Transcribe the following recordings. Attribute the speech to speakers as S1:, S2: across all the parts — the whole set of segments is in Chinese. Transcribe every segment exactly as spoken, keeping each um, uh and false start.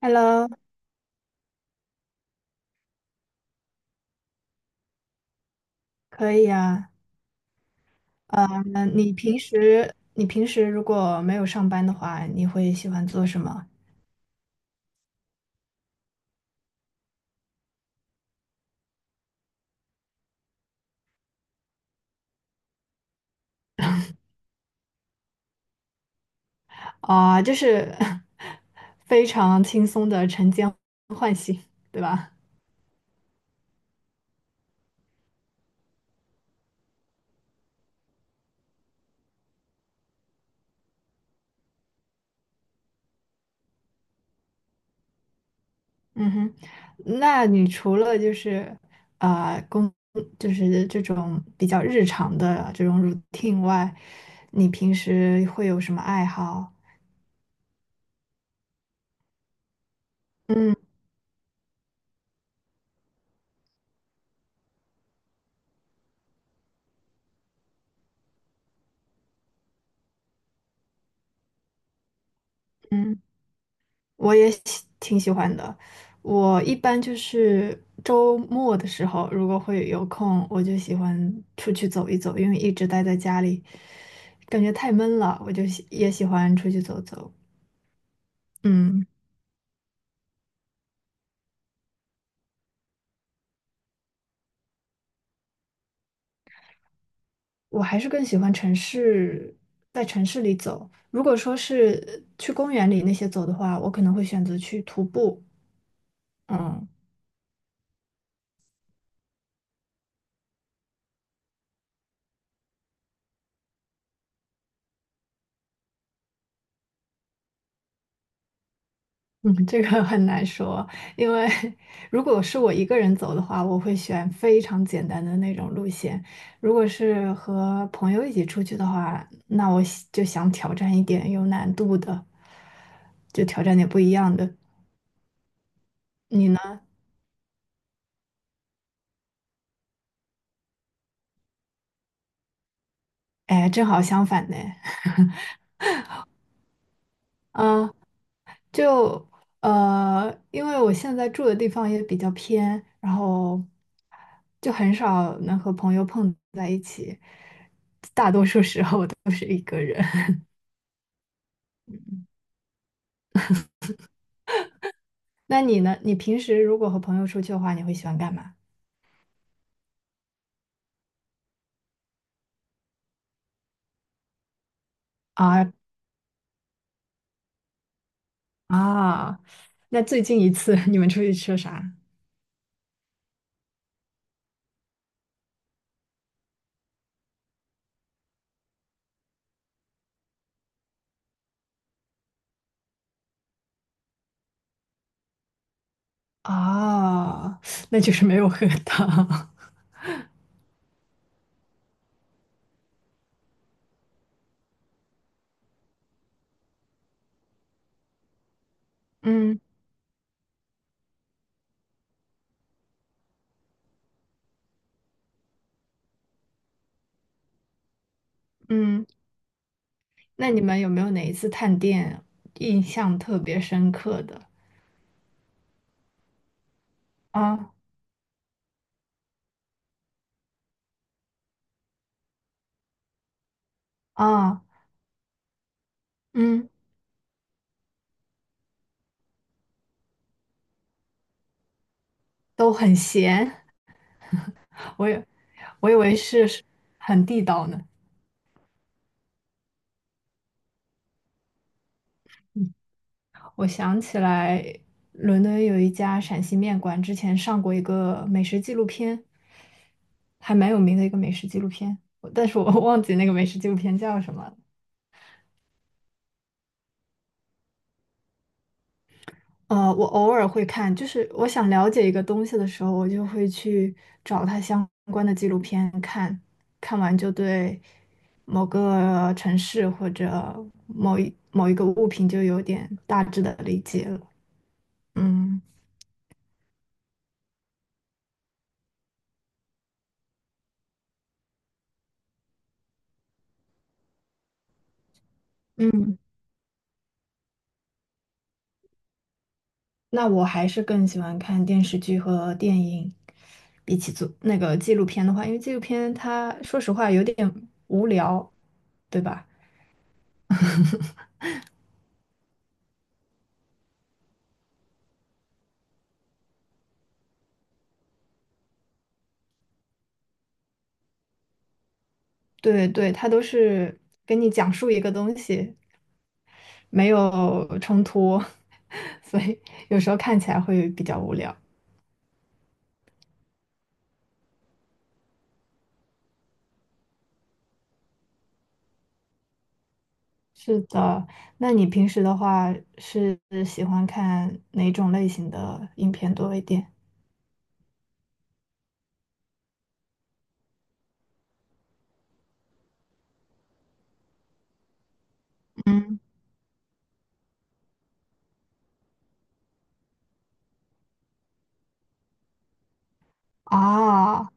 S1: Hello，可以啊。呃，那你平时你平时如果没有上班的话，你会喜欢做什么？啊、就是 非常轻松的晨间唤醒，对吧？嗯哼，那你除了就是啊呃工，就是这种比较日常的这种 routine 外，你平时会有什么爱好？嗯嗯。我也喜挺喜欢的。我一般就是周末的时候，如果会有空，我就喜欢出去走一走，因为一直待在家里，感觉太闷了，我就喜也喜欢出去走走。嗯，我还是更喜欢城市，在城市里走。如果说是去公园里那些走的话，我可能会选择去徒步。嗯。嗯，这个很难说，因为 如果是我一个人走的话，我会选非常简单的那种路线；如果是和朋友一起出去的话，那我喜就想挑战一点有难度的，就挑战点不一样的。你呢？哎，正好相反呢。嗯，就呃，因为我现在住的地方也比较偏，然后就很少能和朋友碰在一起，大多数时候都是一个人。那你呢？你平时如果和朋友出去的话，你会喜欢干嘛？啊啊 那最近一次你们出去吃了啥？啊，那就是没有喝到。嗯嗯，那你们有没有哪一次探店印象特别深刻的？啊啊，嗯，都很咸，我以我以为是很地道呢。我想起来，伦敦有一家陕西面馆，之前上过一个美食纪录片，还蛮有名的一个美食纪录片，我但是我 忘记那个美食纪录片叫什么了。呃，我偶尔会看，就是我想了解一个东西的时候，我就会去找它相关的纪录片看，看完就对某个城市或者某一某一个物品就有点大致的理解了。嗯。嗯，那我还是更喜欢看电视剧和电影，比起做那个纪录片的话，因为纪录片它说实话有点无聊，对吧？对对，它都是给你讲述一个东西，没有冲突，所以有时候看起来会比较无聊。是的，那你平时的话是喜欢看哪种类型的影片多一点？嗯，啊，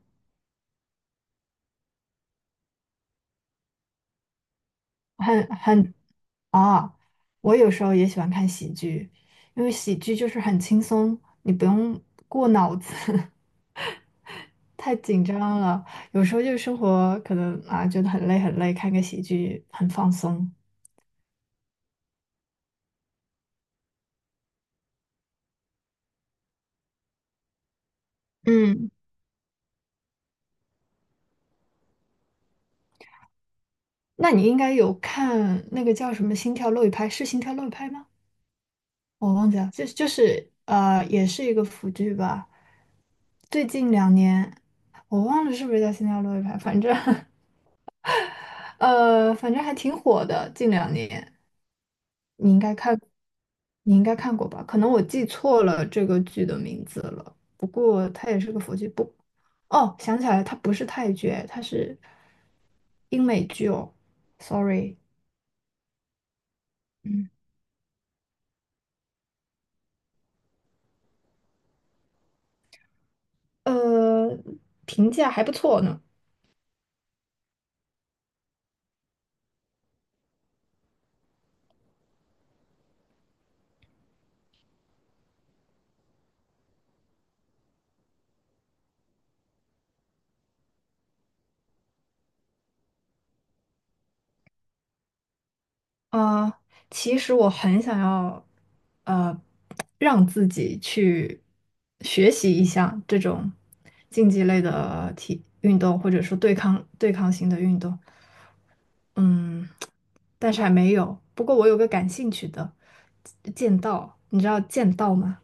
S1: 很很啊，我有时候也喜欢看喜剧，因为喜剧就是很轻松，你不用过脑子，太紧张了。有时候就是生活可能啊觉得很累很累，看个喜剧很放松。嗯，那你应该有看那个叫什么《心跳漏一拍》，是《心跳漏一拍》吗？我忘记了，就就是呃，也是一个腐剧吧。最近两年，我忘了是不是叫《心跳漏一拍》，反正 呃，反正还挺火的，近两年。你应该看，你应该看过吧？可能我记错了这个剧的名字了。不过它也是个佛剧，不，哦，想起来了它不是泰剧，它是英美剧哦。Sorry，嗯，呃，评价还不错呢。啊、呃其实我很想要，呃，让自己去学习一下这种竞技类的体运动，或者说对抗对抗性的运动。嗯，但是还没有。不过我有个感兴趣的剑道，你知道剑道吗？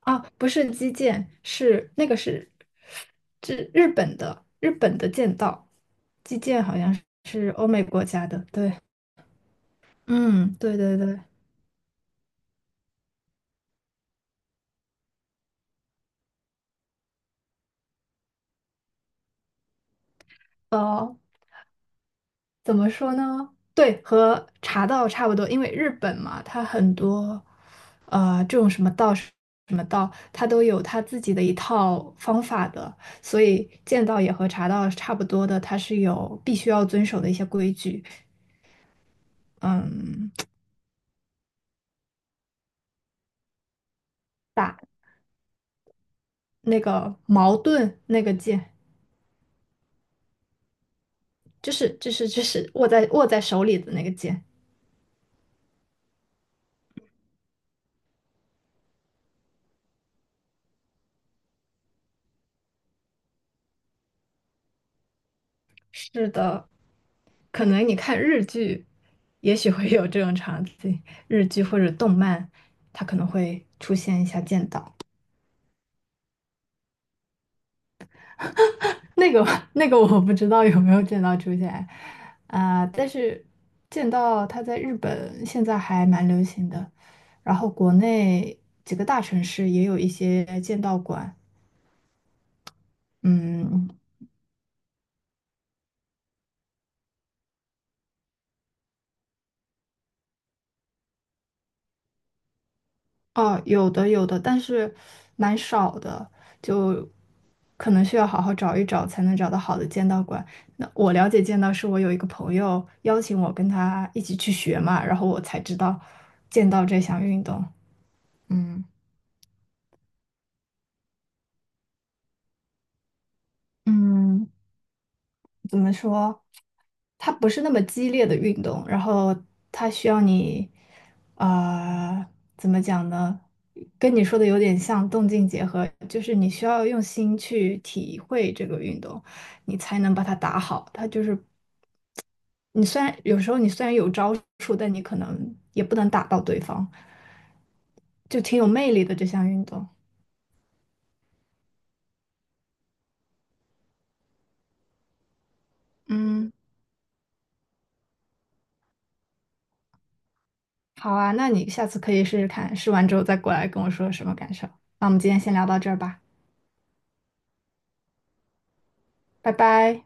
S1: 啊，不是击剑，是那个是这日本的日本的剑道，击剑好像是欧美国家的。对，嗯，对对对，哦，怎么说呢？对，和茶道差不多，因为日本嘛，它很多，呃，这种什么道什么道，它都有它自己的一套方法的，所以剑道也和茶道是差不多的，它是有必须要遵守的一些规矩。嗯，打那个矛盾那个剑，就是就是就是握在握在手里的那个剑。是的，可能你看日剧，也许会有这种场景，日剧或者动漫，它可能会出现一下剑道。那个 那个我不知道有没有剑道出现啊，但是剑道它在日本现在还蛮流行的，然后国内几个大城市也有一些剑道馆，嗯，哦，有的有的，但是蛮少的，就可能需要好好找一找才能找到好的剑道馆。那我了解剑道是我有一个朋友邀请我跟他一起去学嘛，然后我才知道剑道这项运动。嗯嗯，怎么说？它不是那么激烈的运动，然后它需要你，啊、怎么讲呢？跟你说的有点像动静结合，就是你需要用心去体会这个运动，你才能把它打好。它就是你虽然有时候你虽然有招数，但你可能也不能打到对方，就挺有魅力的这项运动。嗯，好啊，那你下次可以试试看，试完之后再过来跟我说什么感受。那我们今天先聊到这儿吧，拜拜。